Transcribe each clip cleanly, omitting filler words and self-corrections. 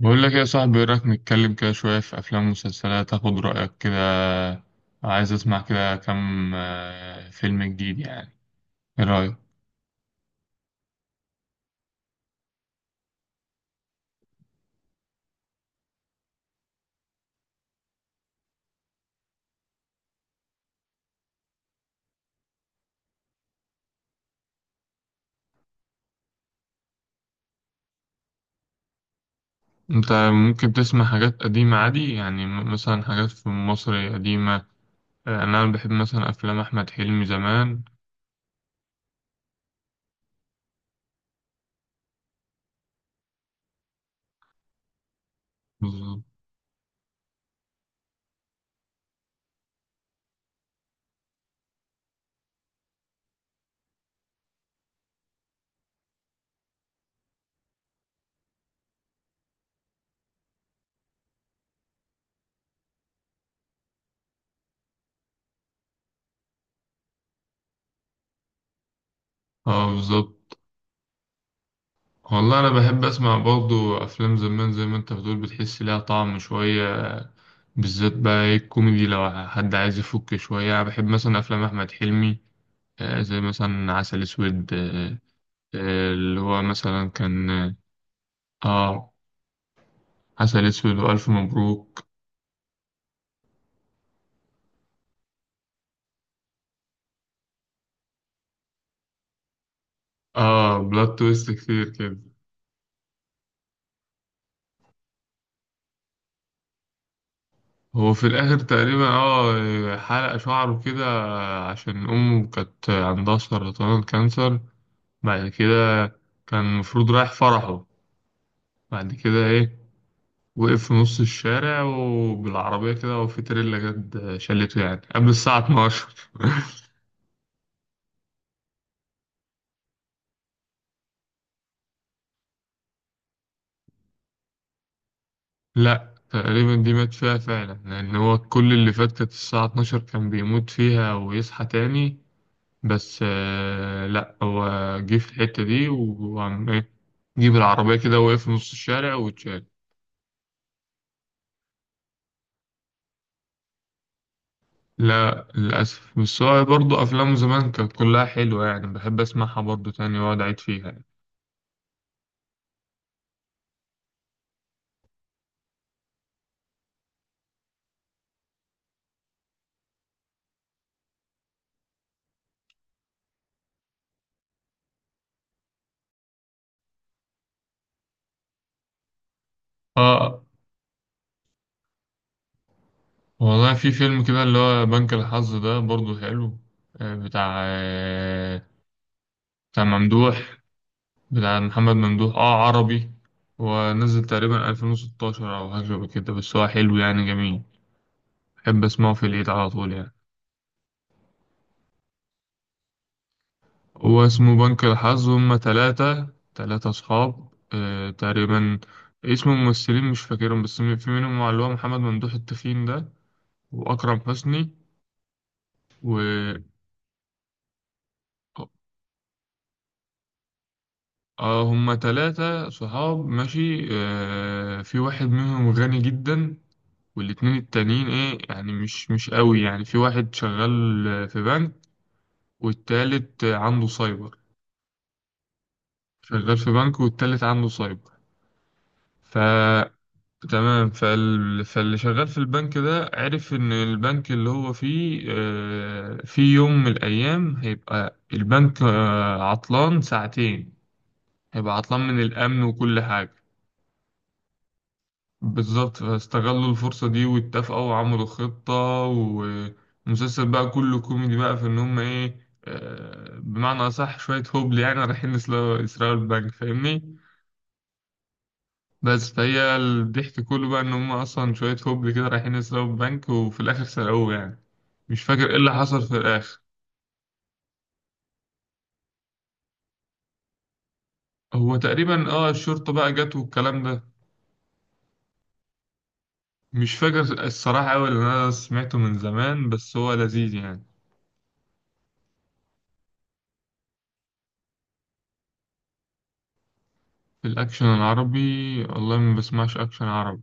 بقول لك يا صاحبي، ايه رايك نتكلم كده شويه في افلام ومسلسلات، اخد رايك كده. عايز اسمع كده كام فيلم جديد يعني. ايه رايك؟ انت ممكن تسمع حاجات قديمه عادي، يعني مثلا حاجات في مصر قديمه. انا بحب مثلا افلام احمد حلمي زمان. بالظبط. اه بالظبط. والله انا بحب اسمع برضو افلام زمان، زي ما انت بتقول، بتحس ليها طعم شويه. بالذات بقى إيه الكوميدي، لو حد عايز يفك شويه انا بحب مثلا افلام احمد حلمي. زي مثلا عسل اسود. اللي هو مثلا كان اه. آه، عسل اسود والف مبروك. اه، بلوت تويست كتير كده. هو في الاخر تقريبا اه حلق شعره كده، عشان امه كانت عندها سرطان كانسر. بعد كده كان المفروض رايح فرحه. بعد كده ايه، وقف في نص الشارع وبالعربية كده، وفي تريلا جت شلته، يعني قبل الساعة 12. لا، تقريبا دي مات فيها فعلا، لأن هو كل اللي فات كانت الساعة 12 كان بيموت فيها ويصحى تاني. بس آه، لا هو جه في الحتة دي وعم إيه، جيب العربية كده، وقف في نص الشارع واتشال. لا للأسف. بس هو برضه أفلامه زمان كانت كلها حلوة، يعني بحب أسمعها برضه تاني وأقعد أعيد فيها يعني. آه، والله في فيلم كده اللي هو بنك الحظ، ده برضه حلو. بتاع بتاع ممدوح، بتاع محمد ممدوح، اه عربي. ونزل تقريبا 2016 او حاجة شبه كده، بس هو حلو يعني، جميل. بحب اسمعه في العيد على طول يعني. هو اسمه بنك الحظ، هما تلاتة، أصحاب. آه تقريبا. اسم الممثلين مش فاكرهم، بس في منهم اللي هو محمد ممدوح التخين ده، وأكرم حسني و اه. هما تلاتة صحاب ماشي، في واحد منهم غني جدا، والاتنين التانيين ايه يعني، مش قوي يعني. في واحد شغال في بنك، والتالت عنده سايبر. شغال في بنك، والتالت عنده سايبر. ف تمام. فاللي شغال في البنك ده عرف ان البنك اللي هو فيه، في يوم من الايام هيبقى البنك عطلان ساعتين، هيبقى عطلان من الامن وكل حاجة. بالظبط. فاستغلوا الفرصة دي واتفقوا وعملوا خطة، ومسلسل بقى كله كوميدي بقى، في إن هم إيه، بمعنى أصح شوية هبل، يعني رايحين يسرقوا البنك، فاهمني؟ بس فهي الضحك كله بقى إن هم أصلا شوية هبل كده رايحين يسرقوا البنك، وفي الآخر سرقوه يعني. مش فاكر إيه اللي حصل في الآخر. هو تقريبا آه الشرطة بقى جت والكلام ده. مش فاكر الصراحة أوي، اللي أنا سمعته من زمان، بس هو لذيذ يعني. في الأكشن العربي، والله ما بسمعش أكشن عربي.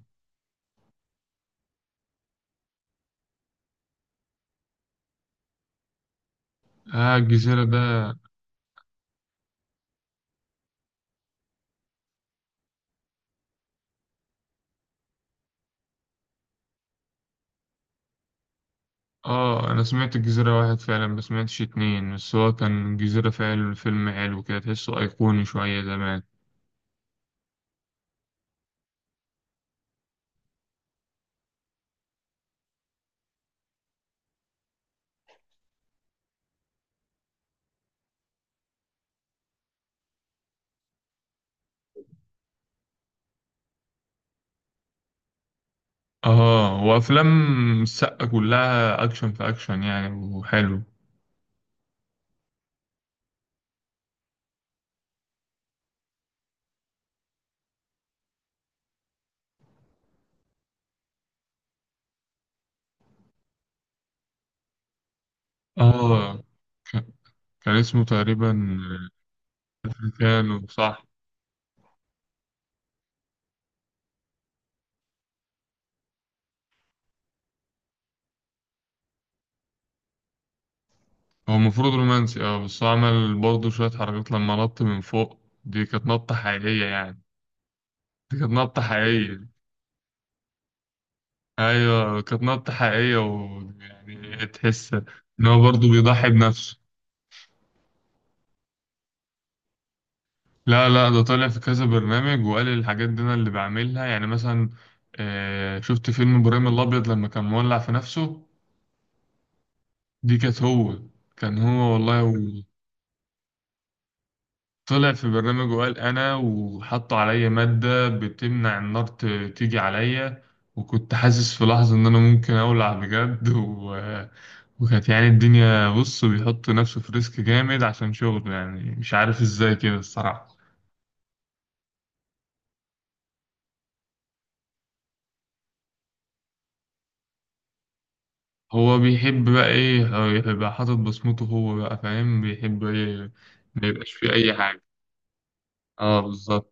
اه الجزيرة ده، اه انا سمعت الجزيرة واحد فعلا، ما سمعتش اتنين، بس هو كان الجزيرة فعلا فيلم حلو كده، تحسه ايقوني شوية زمان. اه، وافلام السقا كلها اكشن في اكشن يعني، وحلو. اه ك- كان اسمه تقريبا، كانوا صح. هو المفروض رومانسي اه، بس هو عمل برضه شوية حركات لما نط من فوق. دي كانت نطة حقيقية يعني. دي كانت نطة حقيقية. ايوه كانت نبتة حقيقية، ويعني تحس ان هو برضه بيضحي بنفسه. لا لا، ده طالع في كذا برنامج وقال الحاجات دي انا اللي بعملها يعني. مثلا، آه، شفت فيلم ابراهيم الابيض لما كان مولع في نفسه؟ دي كانت هو، كان هو والله و- طلع في برنامج وقال انا، وحطوا عليا مادة بتمنع النار تيجي عليا، وكنت حاسس في لحظة ان انا ممكن اولع بجد. وكانت يعني الدنيا بص بيحط نفسه في ريسك جامد عشان شغله، يعني مش عارف ازاي كده الصراحة. هو بيحب بقى ايه هو، يبقى حاطط بصمته هو بقى فاهم بيحب ايه. ما يبقاش فيه اي حاجة. اه بالظبط.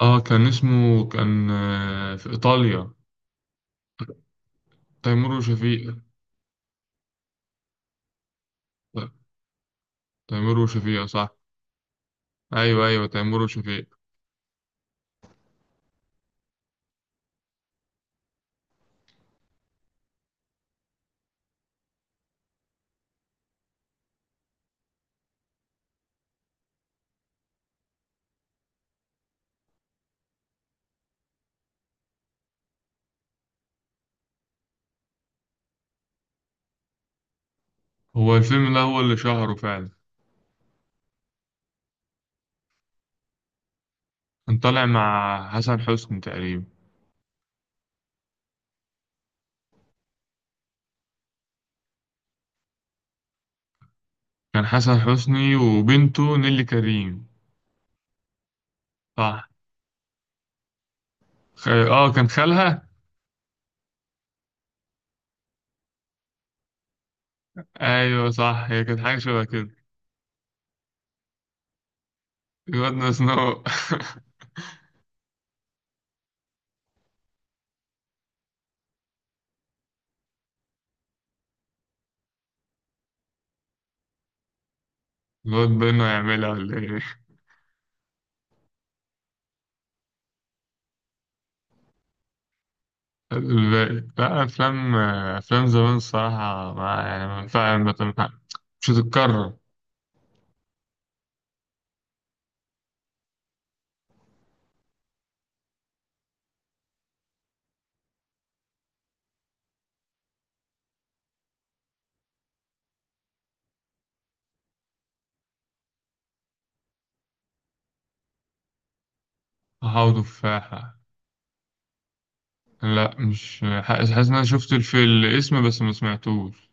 اه كان اسمه كان في ايطاليا، تيمور وشفيق. لا، تيمور وشفيق صح. ايوه ايوه، تيمور وشفيق. هو الفيلم ده هو اللي شهره فعلا. كان طالع مع حسن حسني تقريبا. كان حسن حسني وبنته نيلي كريم. صح. اه كان خالها. ايوه صح، هي كانت حاجه شبه كده. الواد نسنو. الواد بينه يعملها ولا ايه؟ الباقي. لا، افلام افلام زمان الصراحه ما يعني ما تنفع. مش هتتكرر. هحاول تفاحه. لا، مش حاسس، حاسس ان انا شفت الاسم، بس ما سمعتوش.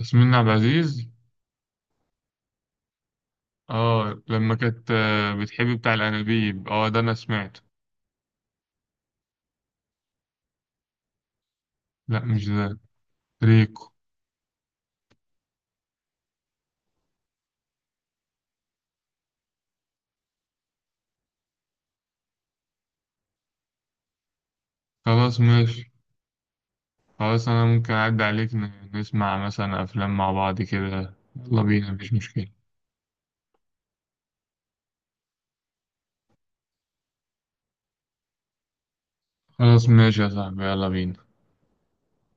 ياسمين عبد العزيز. اه لما كانت بتحب بتاع الانابيب، اه ده انا سمعته. لا مش ده. ريكو. خلاص ماشي. خلاص أنا ممكن أعدي عليك، نسمع مثلا أفلام مع بعض كده، يلا بينا، مفيش مشكلة. خلاص ماشي يا صاحبي، يلا بينا.